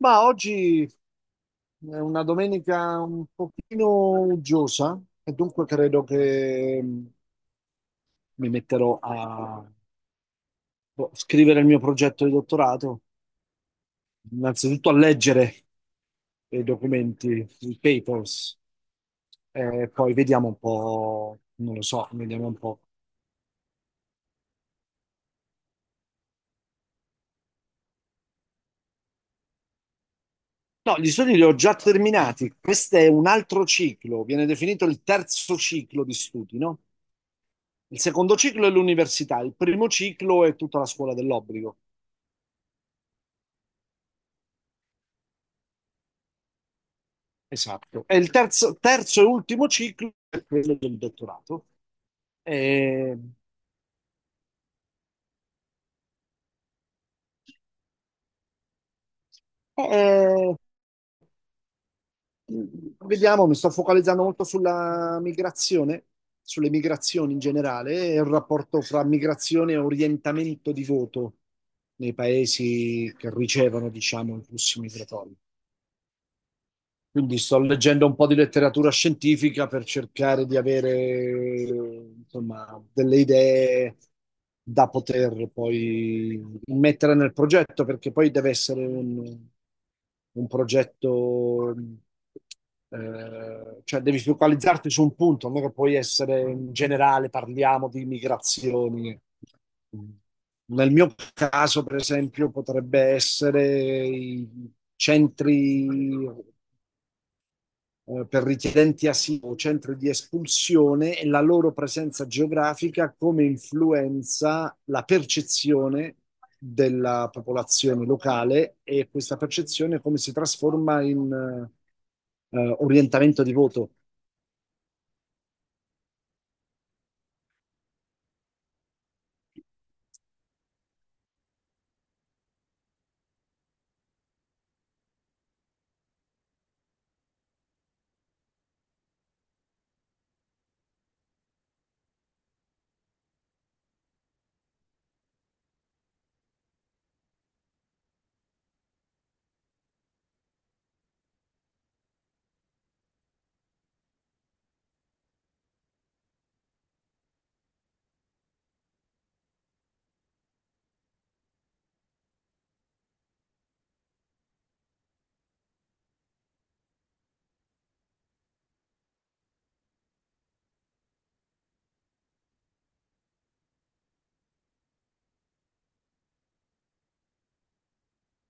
Ma oggi è una domenica un pochino uggiosa e dunque credo che mi metterò a scrivere il mio progetto di dottorato, innanzitutto a leggere i documenti, i papers, e poi vediamo un po', non lo so, vediamo un po'. No, gli studi li ho già terminati, questo è un altro ciclo, viene definito il terzo ciclo di studi, no? Il secondo ciclo è l'università, il primo ciclo è tutta la scuola dell'obbligo. Esatto. E il terzo, ultimo ciclo è quello del dottorato. E- e- Vediamo, mi sto focalizzando molto sulla migrazione, sulle migrazioni in generale e il rapporto fra migrazione e orientamento di voto nei paesi che ricevono, diciamo, i flussi migratori. Quindi sto leggendo un po' di letteratura scientifica per cercare di avere, insomma, delle idee da poter poi mettere nel progetto, perché poi deve essere un progetto, cioè devi focalizzarti su un punto, non è che puoi essere in generale, parliamo di migrazioni. Nel mio caso, per esempio, potrebbe essere i centri per richiedenti asilo o centri di espulsione e la loro presenza geografica come influenza la percezione della popolazione locale e questa percezione come si trasforma in orientamento di voto.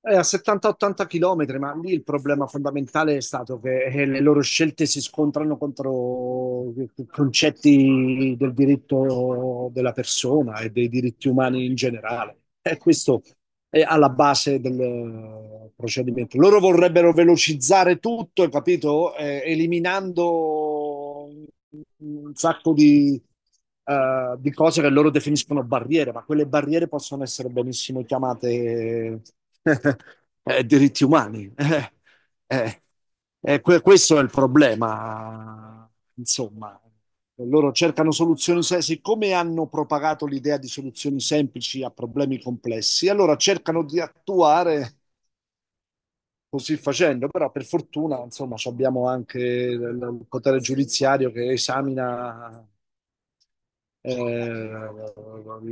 È a 70-80 km, ma lì il problema fondamentale è stato che le loro scelte si scontrano contro i concetti del diritto della persona e dei diritti umani in generale. E questo è alla base del procedimento. Loro vorrebbero velocizzare tutto, capito? Eliminando un sacco di cose che loro definiscono barriere, ma quelle barriere possono essere benissimo chiamate diritti umani. Eh, Questo è il problema, insomma. Loro cercano soluzioni, siccome hanno propagato l'idea di soluzioni semplici a problemi complessi, allora cercano di attuare così facendo, però per fortuna, insomma, ci abbiamo anche il potere giudiziario che esamina eh,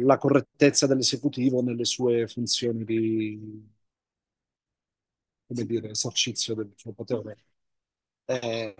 la correttezza dell'esecutivo nelle sue funzioni di, come dire, esercizio del suo potere. Eh,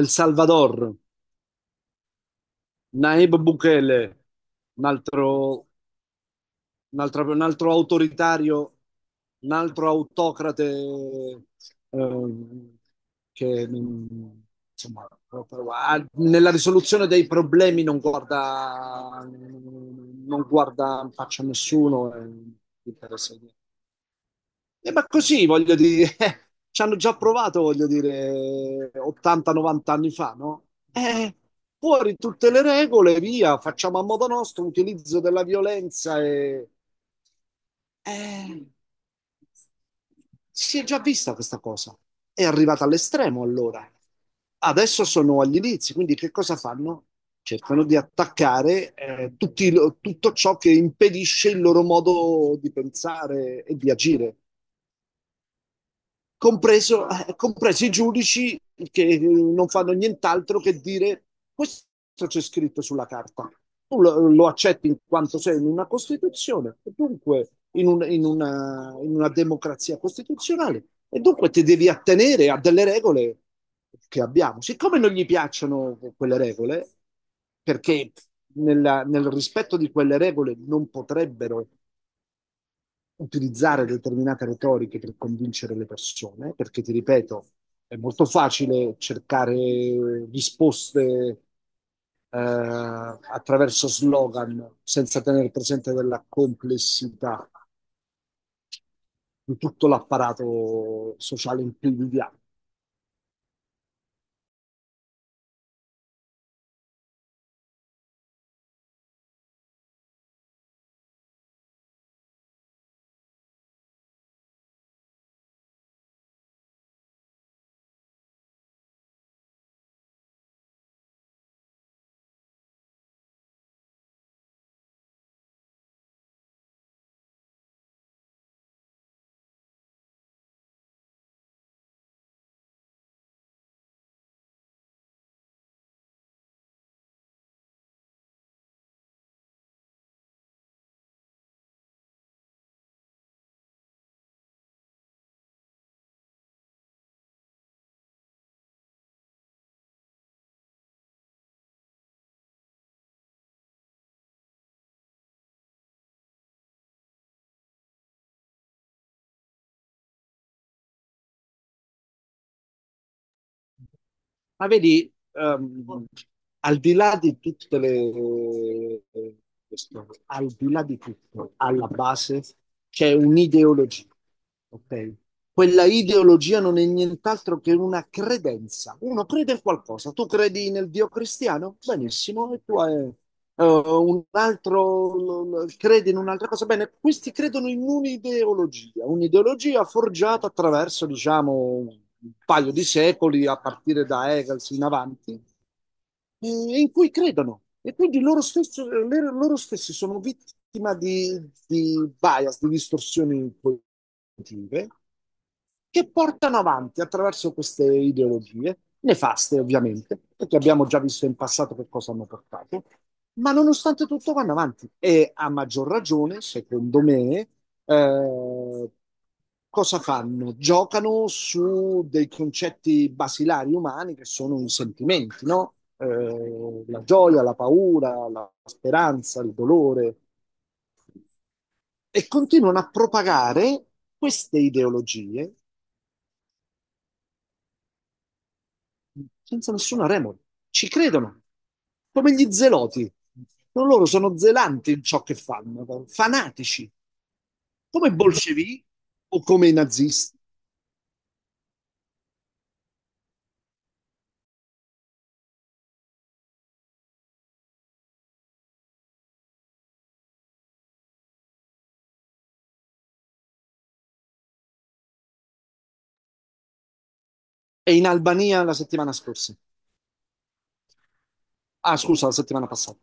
El Salvador, Naib Bukele, un altro, un altro autoritario, un altro autocrate, ehm, che mm, insomma, nella risoluzione dei problemi non guarda, non guarda in faccia a nessuno. E interessa- ma così, voglio dire, ci hanno già provato, voglio dire, 80-90 anni fa, no? Eh, fuori tutte le regole, via, facciamo a modo nostro, utilizzo della violenza e... Eh, si è già vista questa cosa. È arrivata all'estremo allora. Adesso sono agli inizi, quindi che cosa fanno? Cercano di attaccare tutto ciò che impedisce il loro modo di pensare e di agire compreso, compresi i giudici che non fanno nient'altro che dire questo c'è scritto sulla carta. Tu lo accetti in quanto sei in una Costituzione, e dunque in una democrazia costituzionale, e dunque ti devi attenere a delle regole che abbiamo. Siccome non gli piacciono quelle regole, perché nel rispetto di quelle regole non potrebbero utilizzare determinate retoriche per convincere le persone, perché ti ripeto, è molto facile cercare risposte attraverso slogan senza tenere presente della complessità di tutto l'apparato sociale in cui viviamo. Ma vedi, al di là di tutte le, questo, al di là di tutto, alla base c'è un'ideologia, ok? Quella ideologia non è nient'altro che una credenza. Uno crede in qualcosa. Tu credi nel Dio cristiano? Benissimo, e tu hai un altro crede in un'altra cosa. Bene, questi credono in un'ideologia, un'ideologia forgiata attraverso, diciamo, un paio di secoli, a partire da Hegel in avanti, in cui credono. E quindi loro stessi, loro stessi sono vittima di bias, di distorsioni cognitive, che portano avanti attraverso queste ideologie, nefaste ovviamente, perché abbiamo già visto in passato che cosa hanno portato, ma nonostante tutto vanno avanti. E a maggior ragione, secondo me, eh, cosa fanno? Giocano su dei concetti basilari umani che sono i sentimenti, no? La gioia, la paura, la speranza, il dolore, e continuano a propagare queste ideologie senza nessuna remora. Ci credono, come gli zeloti. Non loro sono zelanti in ciò che fanno, fanatici, come i bolscevichi o come i nazisti. E in Albania la settimana scorsa. Ah, scusa, la settimana passata.